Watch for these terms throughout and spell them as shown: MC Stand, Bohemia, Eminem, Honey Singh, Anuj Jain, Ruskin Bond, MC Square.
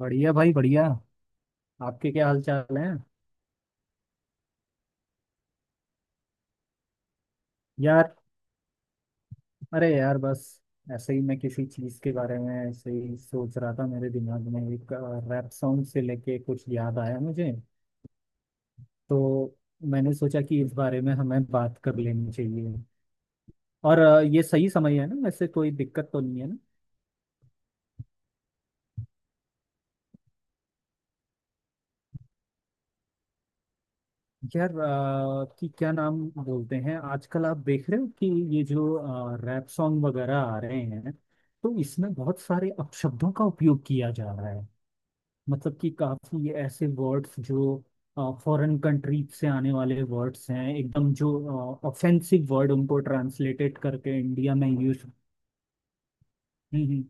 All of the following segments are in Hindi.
बढ़िया भाई बढ़िया। आपके क्या हाल चाल है। यार अरे यार बस ऐसे ही मैं किसी चीज़ के बारे में ऐसे ही सोच रहा था, मेरे दिमाग में एक रैप सॉन्ग से लेके कुछ याद आया मुझे। तो मैंने सोचा कि इस बारे में हमें बात कर लेनी चाहिए। और ये सही समय है ना, वैसे कोई दिक्कत तो नहीं है ना। यार कि क्या नाम बोलते हैं, आजकल आप देख रहे हो कि ये जो रैप सॉन्ग वगैरह आ रहे हैं तो इसमें बहुत सारे अपशब्दों का उपयोग किया जा रहा है। मतलब कि काफी ऐसे वर्ड्स जो फॉरेन कंट्रीज से आने वाले वर्ड्स हैं एकदम, जो ऑफेंसिव वर्ड उनको ट्रांसलेटेड करके इंडिया में यूज। हम्म। हम्म।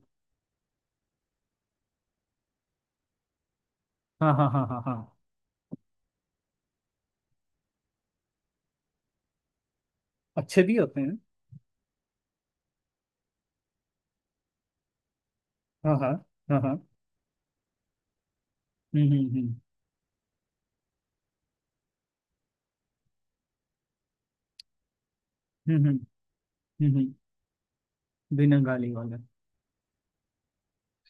हाँ हाँ हाँ हाँ हाँ। अच्छे भी होते हैं। हाँ हाँ हाँ हाँ। हम्म हम्म हम्म हम्म। हम्म। हम्म। बिना गाली वाले।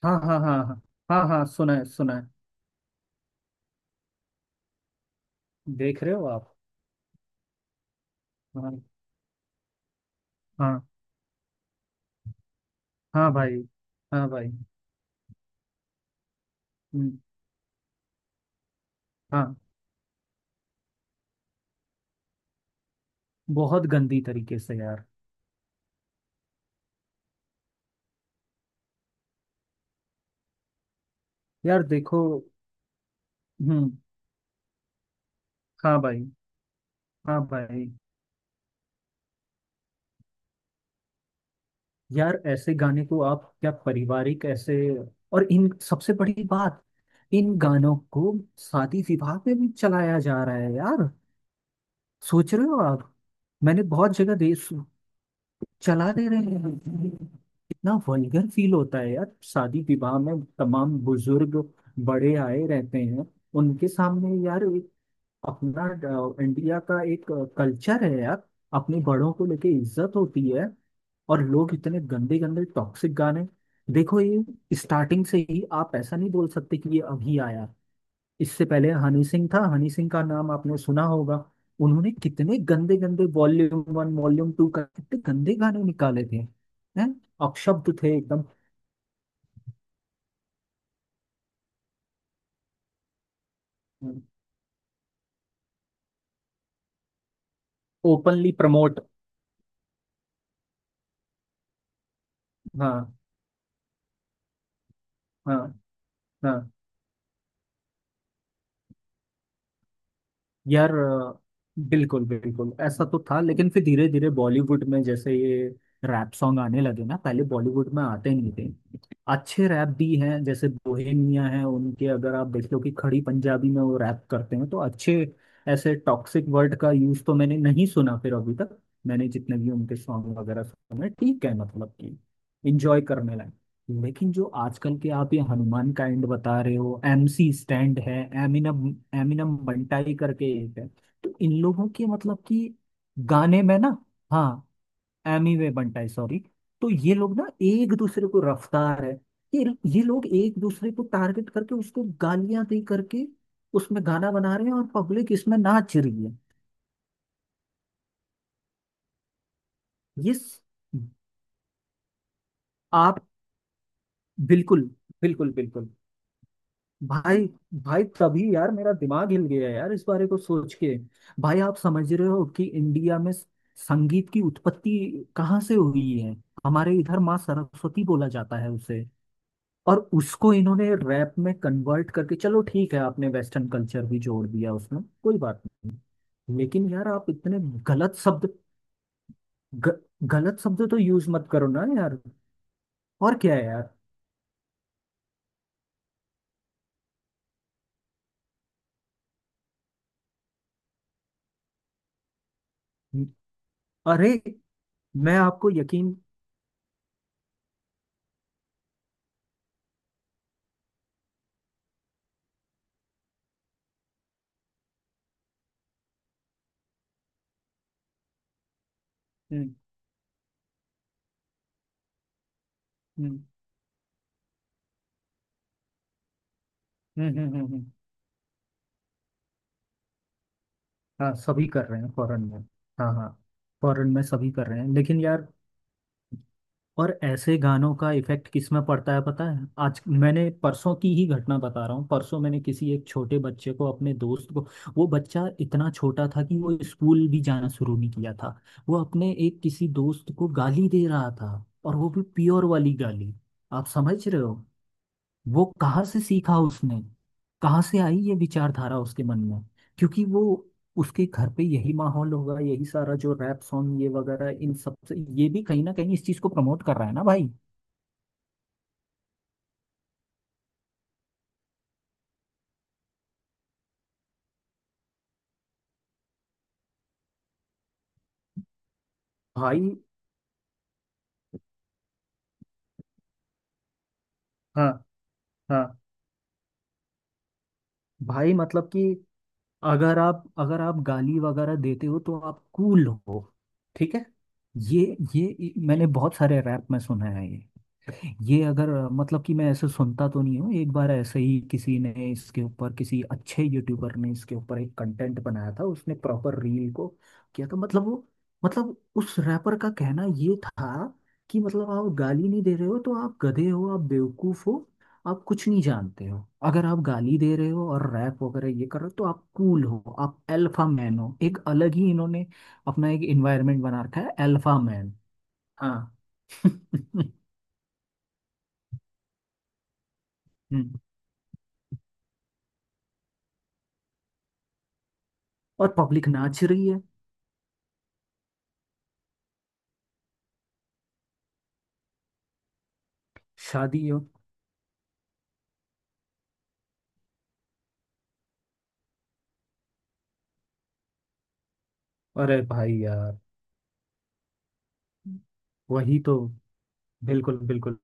हाँ हाँ हाँ हाँ। हाँ हाँ सुना है सुना है। देख रहे हो आप। हाँ। हाँ हाँ भाई। हाँ भाई। हम्म। हाँ, बहुत गंदी तरीके से यार। यार देखो। हम्म। हाँ भाई। हाँ भाई। यार ऐसे गाने को आप क्या पारिवारिक ऐसे, और इन सबसे बड़ी बात, इन गानों को शादी विवाह में भी चलाया जा रहा है यार। सोच रहे हो आप। मैंने बहुत जगह देश। चला दे रहे हैं। कितना वल्गर फील होता है यार, शादी विवाह में तमाम बुजुर्ग बड़े आए रहते हैं। उनके सामने यार एक अपना इंडिया का एक कल्चर है यार, अपने बड़ों को लेके इज्जत होती है। और लोग इतने गंदे गंदे टॉक्सिक गाने। देखो, ये स्टार्टिंग से ही आप ऐसा नहीं बोल सकते कि ये अभी आया। इससे पहले हनी सिंह था, हनी सिंह का नाम आपने सुना होगा। उन्होंने कितने गंदे गंदे वॉल्यूम वन वॉल्यूम टू का कितने गंदे गाने निकाले थे। हैं। अपशब्द थे एकदम। Openly promote. हाँ हाँ हाँ। यार बिल्कुल बिल्कुल ऐसा तो था लेकिन फिर धीरे धीरे बॉलीवुड में जैसे ये रैप सॉन्ग आने लगे ना, पहले बॉलीवुड में आते नहीं थे। अच्छे रैप भी हैं, जैसे बोहेमिया है, उनके अगर आप देख लो कि खड़ी पंजाबी में वो रैप करते हैं तो अच्छे। ऐसे टॉक्सिक वर्ड का यूज तो मैंने नहीं सुना फिर अभी तक। मैंने जितने भी उनके सॉन्ग वगैरह सुने ठीक है, मतलब कि इंजॉय करने लायक। लेकिन जो आजकल के आप ये हनुमान काइंड बता रहे हो, MC स्टैंड है, एमिनम एमिनम बंटाई करके एक है, तो इन लोगों के मतलब कि गाने में ना। हाँ। Emiway Bantai sorry. तो ये लोग ना एक दूसरे को, रफ्तार है, ये ये लोग एक दूसरे को टारगेट करके उसको गालियां दे करके उसमें गाना बना रहे हैं और पब्लिक इसमें नाच रही है। ये स- आप। बिल्कुल बिल्कुल। बिल्कुल भाई। भाई तभी यार मेरा दिमाग हिल गया यार इस बारे को सोच के। भाई आप समझ रहे हो कि इंडिया में संगीत की उत्पत्ति कहाँ से हुई है। हमारे इधर माँ सरस्वती बोला जाता है उसे। और उसको इन्होंने रैप में कन्वर्ट करके, चलो ठीक है, आपने वेस्टर्न कल्चर भी जोड़ दिया उसमें कोई बात नहीं, लेकिन यार आप इतने गलत शब्द, ग, गलत शब्द तो यूज मत करो ना यार। और क्या है यार। अरे। मैं आपको यकीन। हम्म हम्म हम्म हम्म हम्म हम्म। हाँ सभी कर रहे हैं फॉरेन में। हाँ हाँ। फॉरेन में सभी कर रहे हैं लेकिन यार। और ऐसे गानों का इफेक्ट किस में पड़ता है पता है। आज मैंने, परसों की ही घटना बता रहा हूँ, परसों मैंने किसी एक छोटे बच्चे को अपने दोस्त को। वो बच्चा इतना छोटा था कि वो स्कूल भी जाना शुरू नहीं किया था। वो अपने एक किसी दोस्त को गाली दे रहा था। और वो भी प्योर वाली गाली। आप समझ रहे हो। वो कहाँ से सीखा उसने। कहाँ से आई ये विचारधारा उसके मन में। क्योंकि वो उसके घर पे यही माहौल होगा, यही सारा जो रैप सॉन्ग ये वगैरह इन सब से ये भी कहीं ना कहीं इस चीज को प्रमोट कर रहा है ना भाई। भाई। हाँ। हाँ भाई मतलब कि अगर आप गाली वगैरह देते हो तो आप कूल हो। ठीक है। ये ये मैंने बहुत सारे रैप में सुना है ये। ये अगर मतलब कि मैं ऐसे सुनता तो नहीं हूँ, एक बार ऐसे ही किसी ने इसके ऊपर, किसी अच्छे यूट्यूबर ने इसके ऊपर एक कंटेंट बनाया था, उसने प्रॉपर रील को किया था मतलब वो, मतलब उस रैपर का कहना ये था कि मतलब आप गाली नहीं दे रहे हो तो आप गधे हो, आप बेवकूफ हो, आप कुछ नहीं जानते हो। अगर आप गाली दे रहे हो और रैप वगैरह ये कर रहे हो तो आप कूल हो, आप अल्फा मैन हो। एक अलग ही इन्होंने अपना एक इन्वायरमेंट बना रखा है, अल्फा मैन। हाँ हम्म। और पब्लिक नाच रही है। शादी हो। अरे भाई यार। वही तो। बिल्कुल बिल्कुल।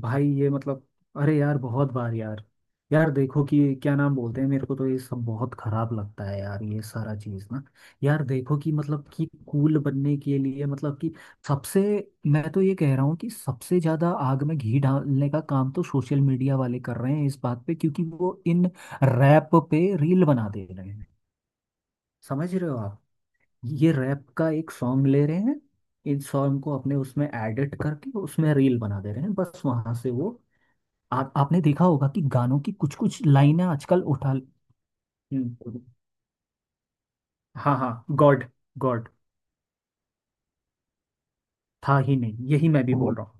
भाई ये मतलब। अरे यार बहुत बार यार। यार देखो कि क्या नाम बोलते हैं, मेरे को तो ये सब बहुत खराब लगता है यार, ये सारा चीज ना। यार देखो कि मतलब कि कूल बनने के लिए मतलब कि सबसे, मैं तो ये कह रहा हूँ कि सबसे ज्यादा आग में घी डालने का काम तो सोशल मीडिया वाले कर रहे हैं इस बात पे, क्योंकि वो इन रैप पे रील बना दे रहे हैं। समझ रहे हो आप। ये रैप का एक सॉन्ग ले रहे हैं, इस सॉन्ग को अपने उसमें एडिट करके उसमें रील बना दे रहे हैं, बस वहां से वो आपने देखा होगा कि गानों की कुछ कुछ लाइनें आजकल उठा। हम्म। हाँ हाँ गॉड। गॉड था ही नहीं, यही मैं भी बोल रहा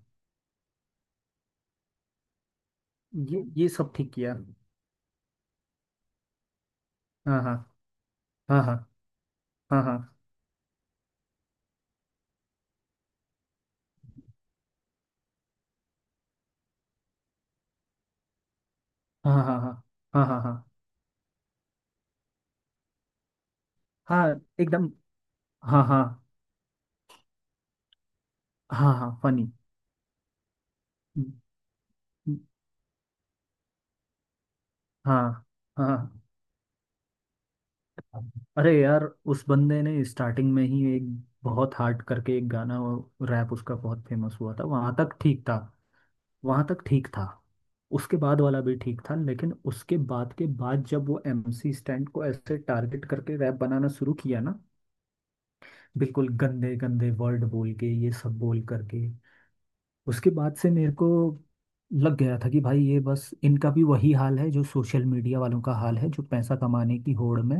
हूँ, ये सब ठीक किया। हाँ हाँ हाँ हाँ हाँ हाँ हाँ हाँ हाँ हाँ हाँ हाँ हाँ एकदम। हाँ हाँ हाँ हाँ फनी। हाँ हाँ अरे यार उस बंदे ने स्टार्टिंग में ही एक बहुत हार्ड करके एक गाना, रैप उसका बहुत फेमस हुआ था, वहां तक ठीक था। वहां तक ठीक था, उसके बाद वाला भी ठीक था, लेकिन उसके बाद के बाद जब वो MC स्टैंड को ऐसे टारगेट करके रैप बनाना शुरू किया ना, बिल्कुल गंदे गंदे वर्ड बोल के ये सब बोल करके उसके बाद से मेरे को लग गया था कि भाई ये बस इनका भी वही हाल है जो सोशल मीडिया वालों का हाल है, जो पैसा कमाने की होड़ में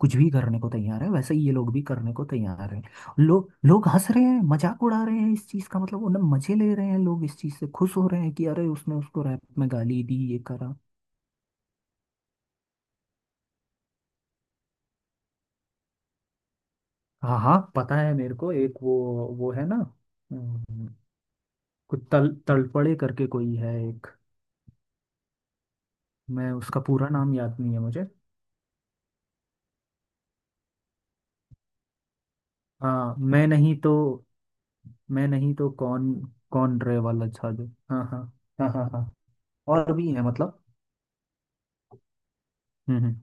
कुछ भी करने को तैयार है वैसे ही ये लोग भी करने को तैयार हैं। लोग लोग हंस रहे हैं, मजाक उड़ा रहे हैं इस चीज का, मतलब उन्हें मजे ले रहे हैं, लोग इस चीज से खुश हो रहे हैं कि अरे उसने उसको रैप में गाली दी ये करा। हाँ हाँ पता है मेरे को, एक वो है ना। अम, कुछ तल तलपड़े करके कोई है एक। मैं उसका पूरा नाम याद नहीं है मुझे। हाँ। मैं नहीं तो। मैं नहीं तो कौन। कौन रे वाला था जो, हाँ हाँ हाँ। हाँ हाँ। और भी है मतलब। हम्म हम्म।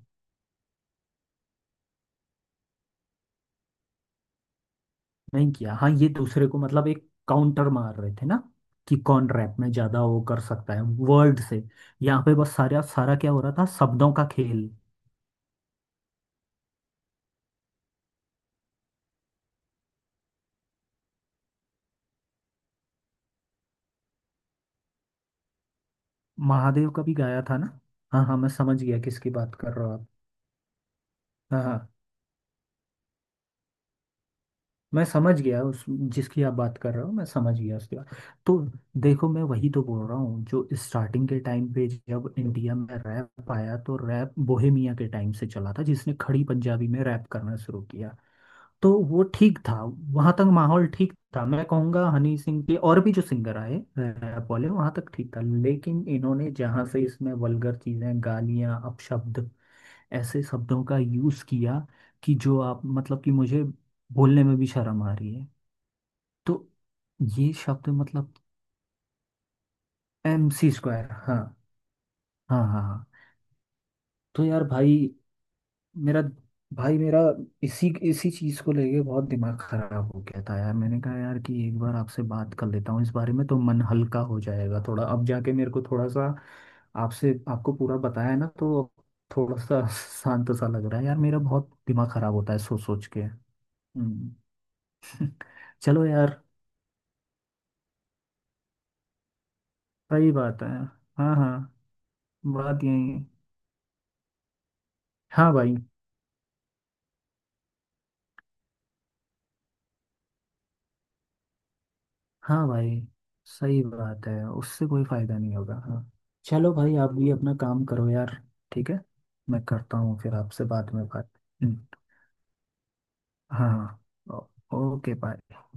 नहीं किया हाँ, ये दूसरे को मतलब एक काउंटर मार रहे थे ना, कि कौन रैप में ज्यादा वो कर सकता है। वर्ड से। यहाँ पे बस सारा सारा क्या हो रहा था, शब्दों का खेल। महादेव का भी गाया था ना। हाँ हाँ मैं समझ गया किसकी बात कर रहे हो आप। हाँ हाँ। मैं समझ गया उस जिसकी आप बात कर रहे हो, मैं समझ गया उसकी बात। तो देखो, मैं वही तो बोल रहा हूँ, जो स्टार्टिंग के टाइम पे जब इंडिया में रैप आया तो रैप बोहेमिया के टाइम से चला था, जिसने खड़ी पंजाबी में रैप करना शुरू किया, तो वो ठीक था। वहां तक माहौल ठीक था, मैं कहूंगा हनी सिंह के और भी जो सिंगर आए बोले, वहां तक ठीक था। लेकिन इन्होंने जहां से इसमें वल्गर चीजें, गालियां, अपशब्द, ऐसे शब्दों का यूज किया कि जो आप, मतलब कि मुझे बोलने में भी शर्म आ रही है। तो ये शब्द मतलब, MC स्क्वायर, हाँ। हाँ हाँ हाँ। तो यार भाई, मेरा भाई, मेरा इसी इसी चीज को लेके बहुत दिमाग खराब हो गया था यार। मैंने कहा यार कि एक बार आपसे बात कर लेता हूँ इस बारे में तो मन हल्का हो जाएगा थोड़ा, अब जाके मेरे को थोड़ा सा आपसे आपको पूरा बताया ना, तो थोड़ा सा शांत सा लग रहा है यार। मेरा बहुत दिमाग खराब होता है सोच सोच के। हम्म। चलो यार। सही बात है। हाँ हाँ। बात यही है। हाँ भाई। हाँ भाई सही बात है, उससे कोई फायदा नहीं होगा, हाँ। चलो भाई आप भी अपना काम करो यार, ठीक है। मैं करता हूँ, फिर आपसे बाद में बात। हम्म। हाँ हाँ। Okay bye.